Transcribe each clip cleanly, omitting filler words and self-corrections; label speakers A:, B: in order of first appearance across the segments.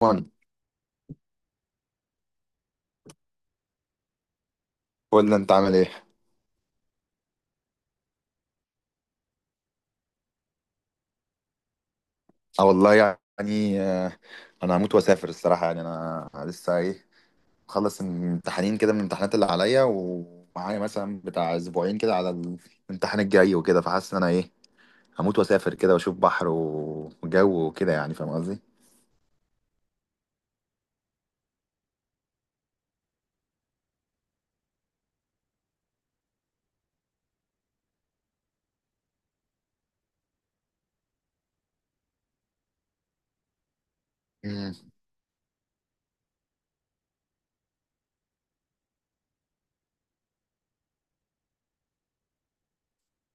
A: وان. قول لي انت عامل ايه؟ اه والله. يعني انا هموت واسافر الصراحه. يعني انا لسه ايه مخلص امتحانين كده من الامتحانات اللي عليا، ومعايا مثلا بتاع اسبوعين كده على الامتحان الجاي وكده. فحاسس ان انا ايه هموت واسافر كده، واشوف بحر وجو وكده. يعني فاهم قصدي؟ مم.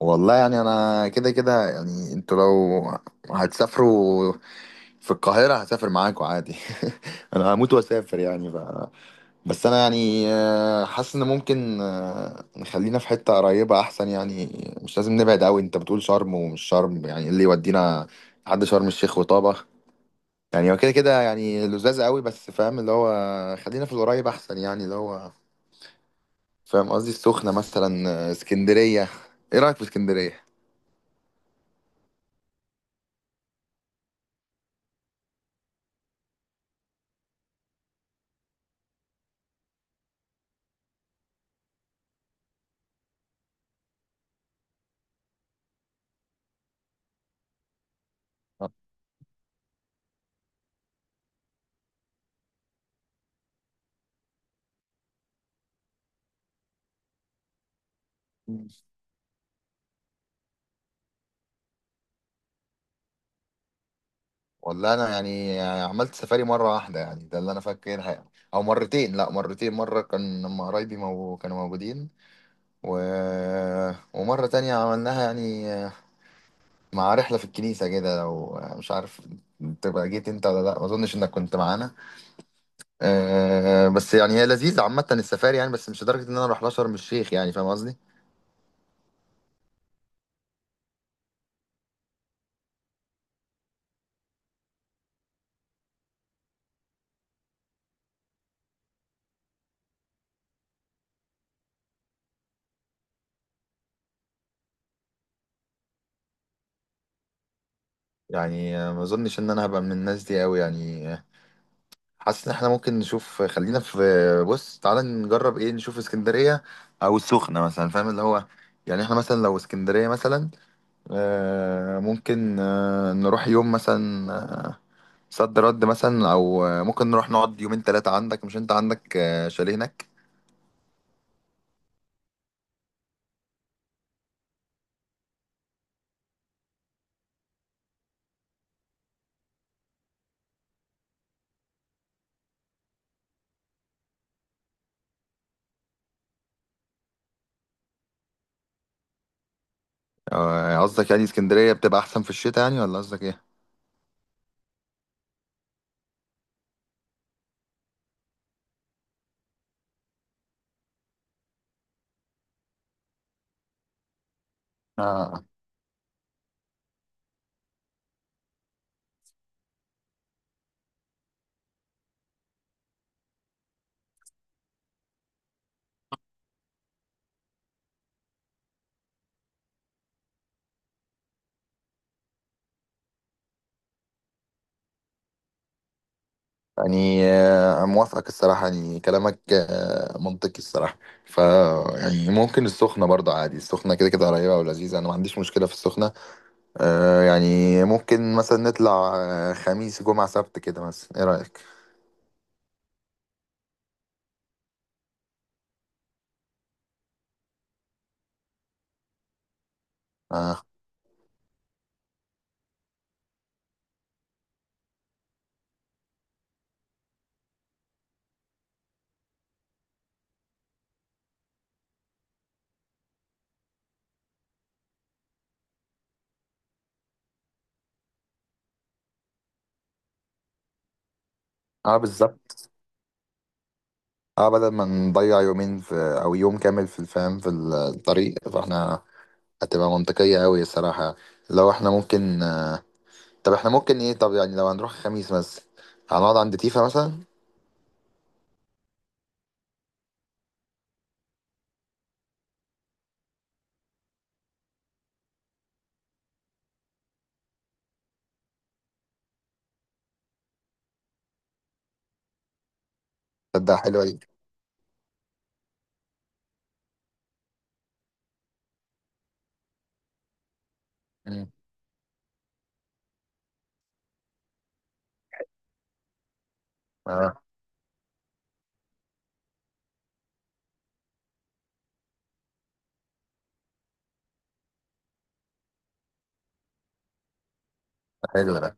A: والله يعني انا كده كده. يعني انتوا لو هتسافروا في القاهره هسافر معاكوا عادي. انا هموت واسافر يعني. بس انا يعني حاسس ان ممكن نخلينا في حتة قريبة احسن يعني. مش لازم نبعد قوي. انت بتقول شرم ومش شرم، يعني إيه اللي يودينا لحد شرم الشيخ وطابة؟ يعني هو كده كده يعني لذاذ قوي، بس فاهم، اللي هو خلينا في القريب احسن يعني. اللي هو فاهم قصدي، السخنة مثلا، اسكندرية. ايه رأيك في اسكندرية؟ والله انا يعني عملت سفاري مرة واحدة، يعني ده اللي انا فاكرها يعني. او مرتين، لا مرتين، مرة كان لما قرايبي كانوا موجودين. و... ومرة تانية عملناها يعني مع رحلة في الكنيسة كده. لو مش عارف تبقى جيت انت ولا لا، ما اظنش انك كنت معانا. أه، بس يعني هي لذيذة عامة السفاري يعني، بس مش لدرجة ان انا اروح لها شرم الشيخ. يعني فاهم قصدي؟ يعني ما اظنش ان انا هبقى من الناس دي قوي، يعني حاسس ان احنا ممكن نشوف، خلينا في، بص تعالى نجرب ايه، نشوف اسكندرية او السخنة مثلا، فاهم اللي هو. يعني احنا مثلا لو اسكندرية مثلا، ممكن نروح يوم مثلا. آه، صد رد مثلا، او ممكن نروح نقعد يومين ثلاثة عندك. مش انت عندك شاليه هناك؟ قصدك يعني اسكندرية بتبقى احسن في الشتاء، يعني ولا قصدك ايه؟ آه. يعني موافقك الصراحة، يعني كلامك منطقي الصراحة. ف يعني ممكن السخنة برضه عادي. السخنة كده كده قريبة ولذيذة، أنا ما عنديش مشكلة في السخنة. يعني ممكن مثلا نطلع خميس جمعة سبت كده مثلا، إيه رأيك؟ اه. آه، بالظبط. اه، بدل ما نضيع يومين في، أو يوم كامل في الفهم، في الطريق، فاحنا هتبقى منطقية أوي الصراحة لو احنا ممكن. طب احنا ممكن ايه، طب يعني لو هنروح خميس مثلا هنقعد عند تيفا مثلا. تبدأ حلوة دي. مم. اه. حلو ده.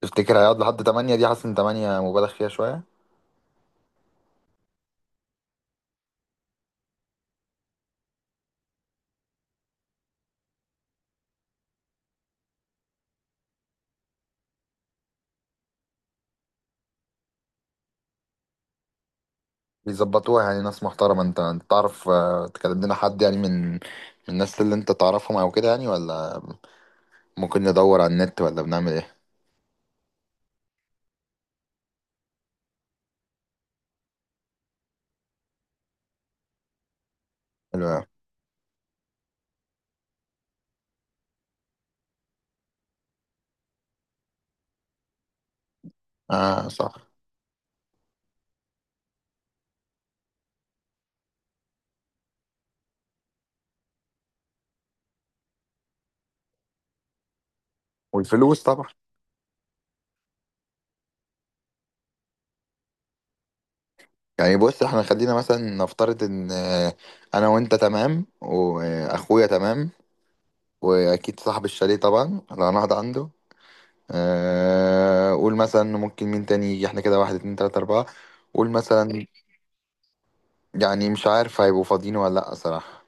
A: تفتكر هيقعد لحد 8 دي؟ حاسس ان 8 مبالغ فيها شوية. بيظبطوها يعني ناس محترمة. انت تعرف تكلم لنا حد يعني، من الناس اللي انت تعرفهم او كده يعني، ولا ممكن ندور على النت؟ ولا بنعمل ايه؟ حلو أوي. اه، صح. والفلوس طبعا. يعني بص، احنا خلينا مثلا نفترض ان انا وانت تمام، واخويا تمام، واكيد صاحب الشاليه طبعا اللي هنقعد عنده. قول مثلا، ممكن مين تاني يجي؟ احنا كده واحد اتنين تلاتة اربعة. قول مثلا، يعني مش عارف هيبقوا فاضيين ولا لأ صراحة.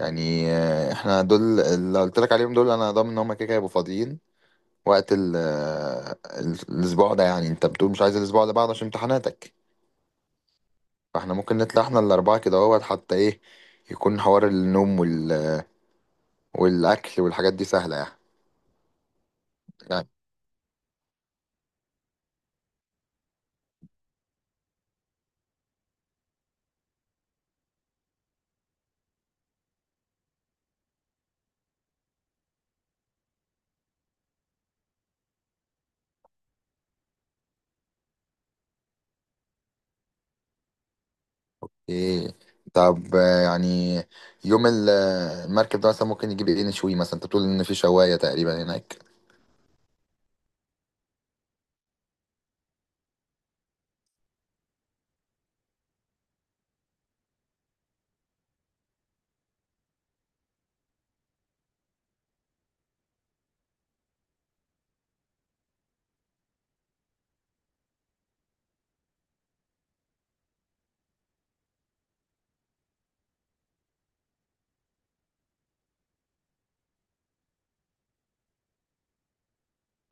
A: يعني احنا دول اللي قلت لك عليهم، دول انا ضامن ان هم كده كده هيبقوا فاضيين وقت الاسبوع ده. يعني انت بتقول مش عايز الاسبوع اللي بعده عشان امتحاناتك، فاحنا ممكن نطلع احنا الأربعة كده اهوت. حتى ايه يكون حوار النوم والأكل والحاجات دي سهلة يعني. يعني ايه. طب يعني يوم المركب ده مثلا ممكن نجيب ايه؟ نشوي مثلا. انت بتقول ان في شواية تقريبا هناك.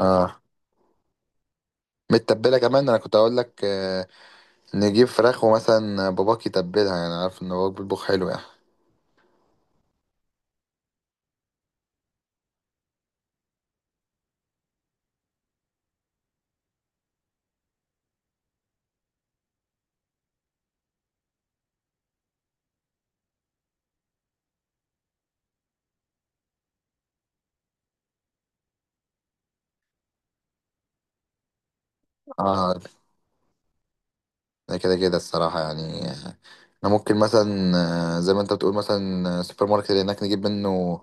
A: اه، متبلة كمان. انا كنت اقول لك نجيب فراخ ومثلا باباك يتبلها. يعني عارف ان باباك بيطبخ حلو يعني. اه، ده كده كده الصراحة يعني. احنا ممكن مثلا، زي ما انت بتقول مثلا، السوبر ماركت اللي هناك نجيب منه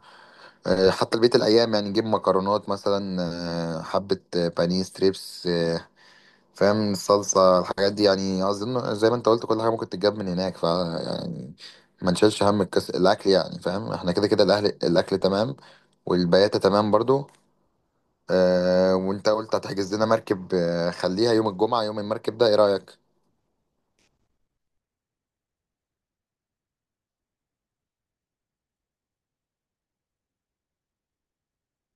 A: حتى لبقية الأيام. يعني نجيب مكرونات مثلا، حبة بانيه ستريبس، فاهم، الصلصة، الحاجات دي يعني. أظن زي ما أنت قلت كل حاجة ممكن تتجاب من هناك، ف يعني ما نشيلش هم الأكل يعني. فاهم احنا كده كده الأهل، الأكل تمام، والبياتة تمام برضو. وأنت قلت هتحجز لنا مركب. خليها يوم الجمعة يوم المركب ده، إيه رأيك؟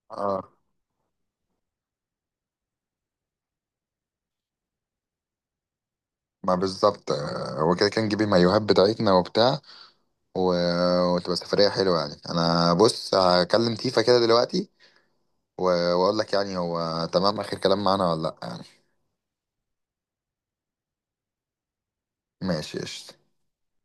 A: اه، ما بالظبط. هو كده كان نجيب المايوهات بتاعتنا وبتاع، و... وتبقى سفرية حلوة يعني. أنا بص هكلم تيفا كده دلوقتي، و- واقول لك يعني هو تمام اخر كلام معانا ولا لا يعني. ماشي، قشطة.